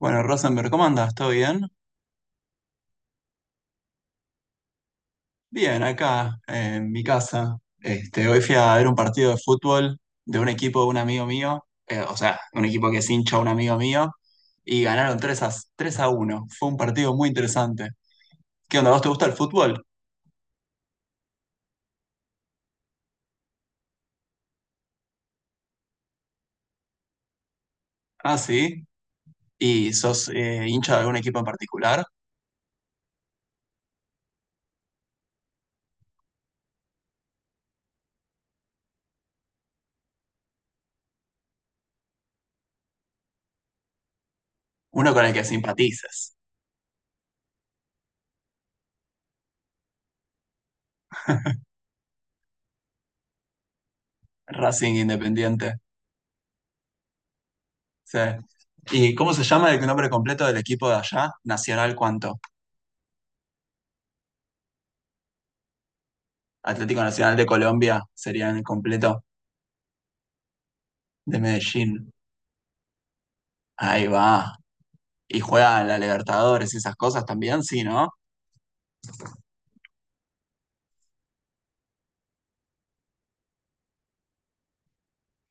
Bueno, Rosenberg, ¿cómo andas? ¿Todo bien? Bien, acá en mi casa. Este, hoy fui a ver un partido de fútbol de un equipo de un amigo mío, o sea, un equipo que es hincha de un amigo mío, y ganaron 3-1. Fue un partido muy interesante. ¿Qué onda? ¿Vos te gusta el fútbol? Ah, sí. ¿Y sos hincha de algún equipo en particular? Uno con el que simpatices. Racing Independiente. Sí. ¿Y cómo se llama el nombre completo del equipo de allá? Nacional, ¿cuánto? Atlético Nacional de Colombia sería el completo. De Medellín. Ahí va. Y juega en la Libertadores, y esas cosas también, sí, ¿no?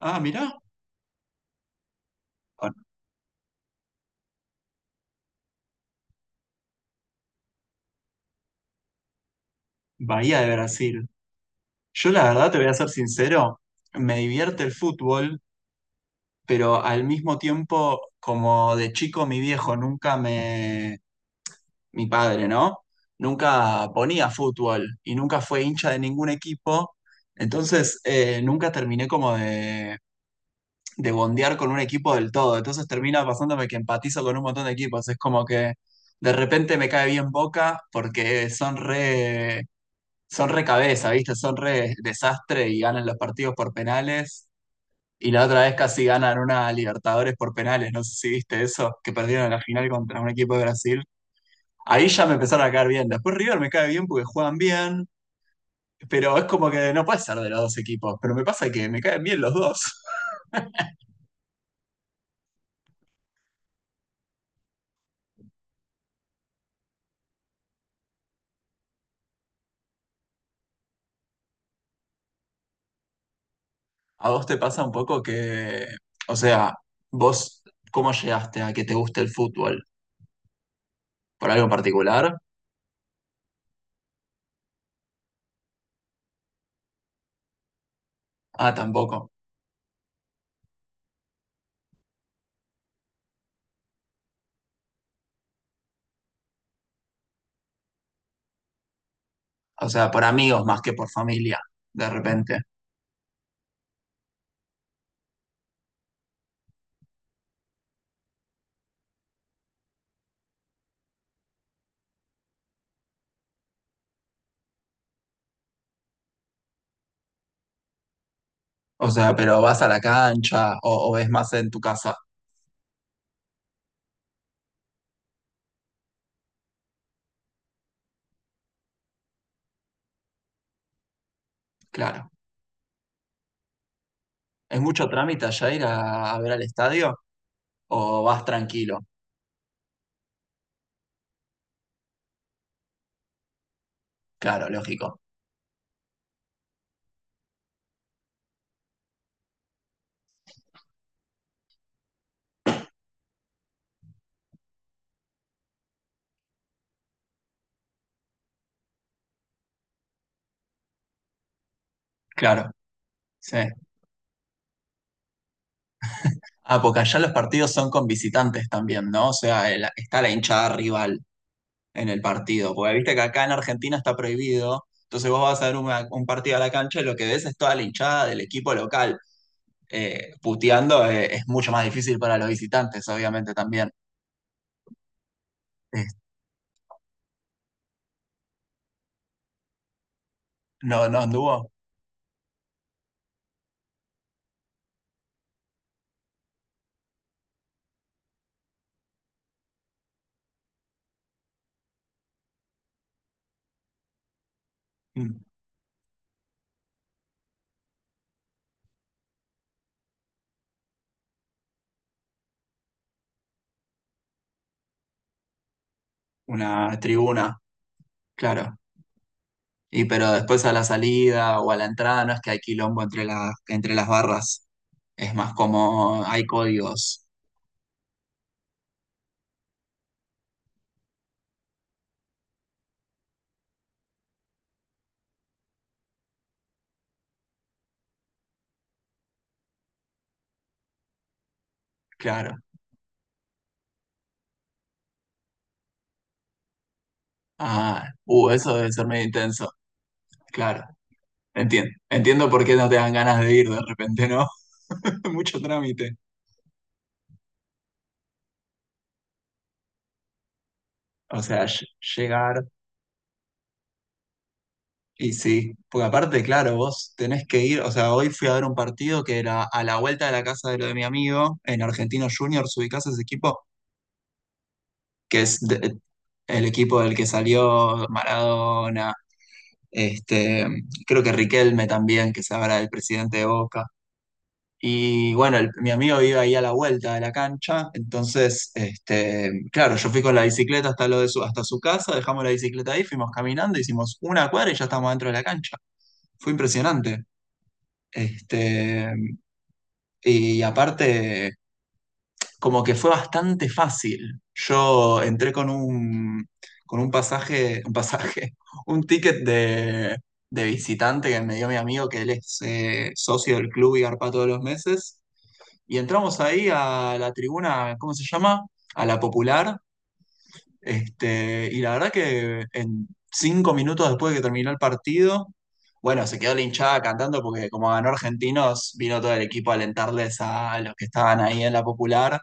Ah, mirá, con Bahía de Brasil. Yo la verdad, te voy a ser sincero, me divierte el fútbol, pero al mismo tiempo, como de chico, mi viejo nunca me, mi padre, ¿no? Nunca ponía fútbol y nunca fue hincha de ningún equipo. Entonces, nunca terminé como de bondear con un equipo del todo. Entonces termina pasándome que empatizo con un montón de equipos. Es como que de repente me cae bien Boca porque son re cabeza, ¿viste? Son re desastre y ganan los partidos por penales. Y la otra vez casi ganan una Libertadores por penales. No sé si viste eso, que perdieron en la final contra un equipo de Brasil. Ahí ya me empezaron a caer bien. Después River me cae bien porque juegan bien. Pero es como que no puede ser de los dos equipos. Pero me pasa que me caen bien los dos. ¿A vos te pasa un poco que, o sea, vos, cómo llegaste a que te guste el fútbol? ¿Por algo en particular? Ah, tampoco. O sea, por amigos más que por familia, de repente. O sea, pero vas a la cancha o es más en tu casa, claro. ¿Es mucho trámite allá ir a ver al estadio o vas tranquilo? Claro, lógico. Claro, sí. Ah, porque allá los partidos son con visitantes también, ¿no? O sea, está la hinchada rival en el partido. Porque viste que acá en Argentina está prohibido. Entonces vos vas a ver un partido a la cancha y lo que ves es toda la hinchada del equipo local. Puteando, es mucho más difícil para los visitantes, obviamente también. Eh, no, no anduvo. mm, una tribuna, claro. Y pero después a la salida o a la entrada no es que hay quilombo entre las barras. Es más como hay códigos, claro. Ah, eso debe ser medio intenso, claro. Entiendo. Entiendo por qué no te dan ganas de ir de repente, ¿no? Mucho trámite. O sea, llegar y sí, porque aparte, claro, vos tenés que ir, o sea, hoy fui a ver un partido que era a la vuelta de la casa de lo de mi amigo, en Argentinos Juniors, ¿ubicás ese equipo? Que es el equipo del que salió Maradona, este, creo que Riquelme también, que se habla del presidente de Boca. Y bueno, mi amigo vive ahí a la vuelta de la cancha, entonces, este, claro, yo fui con la bicicleta hasta, lo de su, hasta su casa, dejamos la bicicleta ahí, fuimos caminando, hicimos una cuadra y ya estábamos dentro de la cancha. Fue impresionante. Este, y aparte, como que fue bastante fácil. Yo entré con un pasaje, un ticket de visitante que me dio mi amigo, que él es socio del club y garpa todos los meses. Y entramos ahí a la tribuna, ¿cómo se llama? A la popular. Este, y la verdad que en 5 minutos después de que terminó el partido, bueno, se quedó la hinchada cantando porque como ganó Argentinos, vino todo el equipo a alentarles a los que estaban ahí en la popular.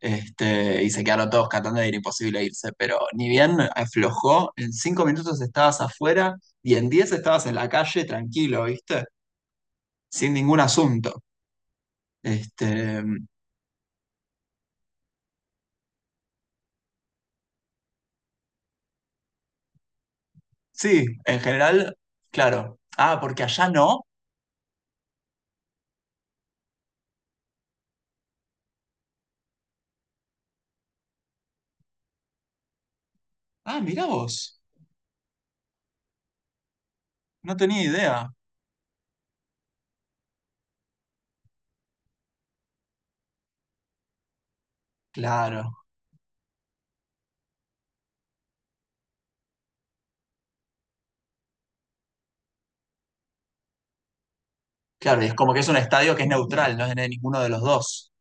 Este, y se quedaron todos cantando y era imposible irse. Pero ni bien aflojó, en 5 minutos estabas afuera y en 10 estabas en la calle tranquilo, ¿viste? Sin ningún asunto. Este, sí, en general, claro. Ah, porque allá no. Ah, mirá vos. No tenía idea. Claro, claro. Y es como que es un estadio que es neutral, no es de ninguno de los dos.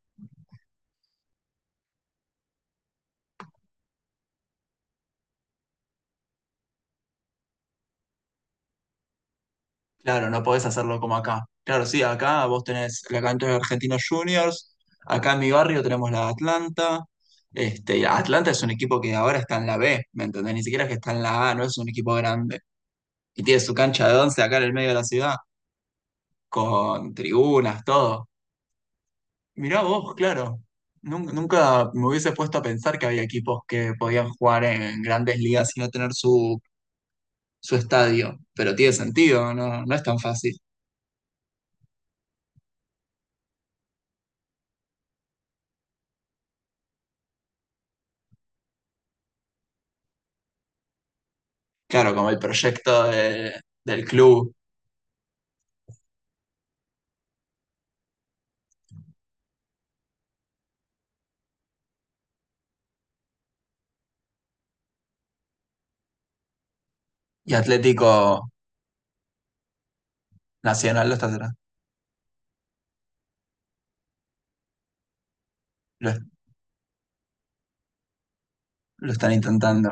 Claro, no podés hacerlo como acá. Claro, sí, acá vos tenés la cancha de Argentinos Juniors. Acá en mi barrio tenemos la Atlanta. Este, y Atlanta es un equipo que ahora está en la B, ¿me entendés? Ni siquiera es que está en la A, no es un equipo grande. Y tiene su cancha de 11 acá en el medio de la ciudad, con tribunas, todo. Mirá vos, claro. Nunca me hubiese puesto a pensar que había equipos que podían jugar en grandes ligas y no tener su, su estadio, pero tiene sentido, no, no es tan fácil. Claro, como el proyecto del club y Atlético Nacional lo está, lo, lo están intentando,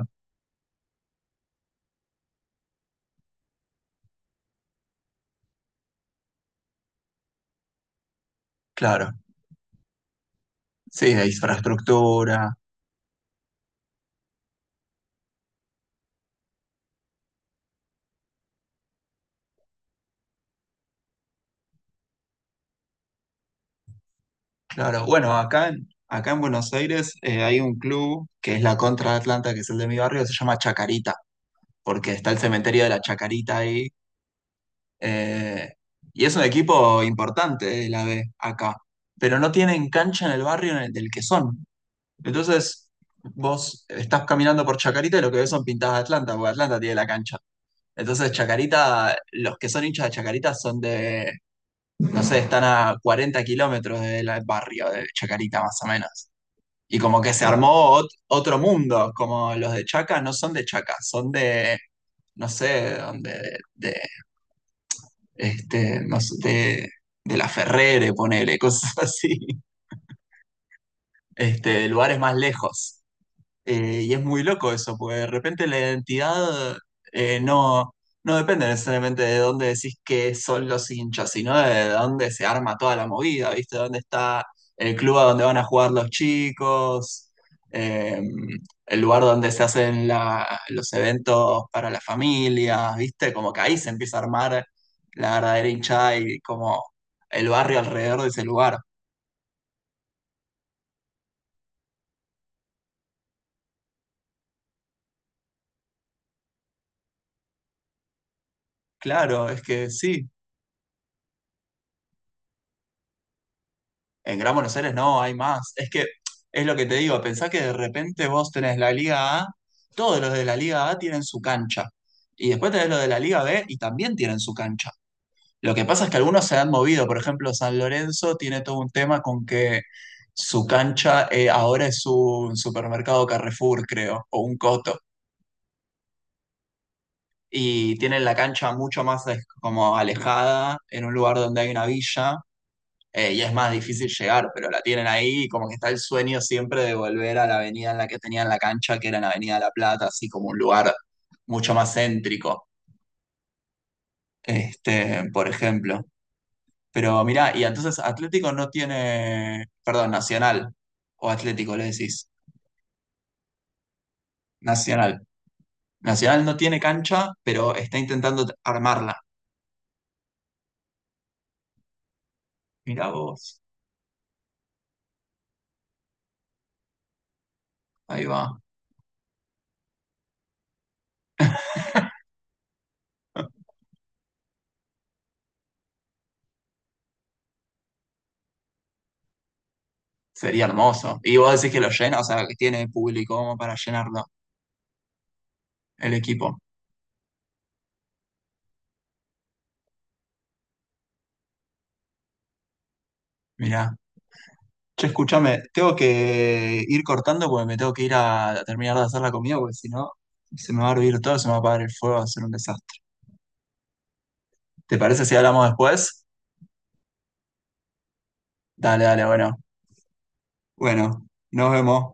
claro. Sí, de infraestructura, claro. Bueno, acá en, acá en Buenos Aires, hay un club que es la contra de Atlanta, que es el de mi barrio, que se llama Chacarita porque está el cementerio de la Chacarita ahí. Eh, y es un equipo importante, la B, acá. Pero no tienen cancha en el barrio en el del que son. Entonces, vos estás caminando por Chacarita y lo que ves son pintadas de Atlanta, porque Atlanta tiene la cancha. Entonces, Chacarita, los que son hinchas de Chacarita son de, no sé, están a 40 kilómetros del barrio de Chacarita, más o menos. Y como que se, claro, armó otro mundo, como los de Chaca no son de Chaca, son de, no sé, de este, no sé, de la Ferrere, ponele, cosas así, este, de lugares más lejos. Y es muy loco eso, porque de repente la identidad, eh, no, no, depende necesariamente de dónde decís que son los hinchas, sino de dónde se arma toda la movida, ¿viste? Dónde está el club a donde van a jugar los chicos, eh, el lugar donde se hacen los eventos para las familias, ¿viste? Como que ahí se empieza a armar la verdadera hinchada y como el barrio alrededor de ese lugar. Claro, es que sí. En Gran Buenos Aires no, hay más. Es que es lo que te digo, pensá que de repente vos tenés la Liga A, todos los de la Liga A tienen su cancha. Y después tenés los de la Liga B y también tienen su cancha. Lo que pasa es que algunos se han movido, por ejemplo, San Lorenzo tiene todo un tema con que su cancha, ahora es un supermercado Carrefour, creo, o un Coto. Y tienen la cancha mucho más, como alejada, en un lugar donde hay una villa, y es más difícil llegar, pero la tienen ahí y como que está el sueño siempre de volver a la avenida en la que tenían la cancha, que era en la Avenida de la Plata, así como un lugar mucho más céntrico, este, por ejemplo. Pero mirá, y entonces Atlético no tiene, perdón, Nacional, o Atlético le decís, Nacional. Nacional no tiene cancha, pero está intentando armarla. Mirá vos, ahí va. Sería hermoso. Y vos decís que lo llena, o sea, que tiene público como para llenarlo, el equipo. Mirá. Che, escúchame, tengo que ir cortando porque me tengo que ir a terminar de hacer la comida, porque si no, se me va a hervir todo, se me va a apagar el fuego, va a ser un desastre. ¿Te parece si hablamos después? Dale, dale, bueno. Bueno, nos vemos.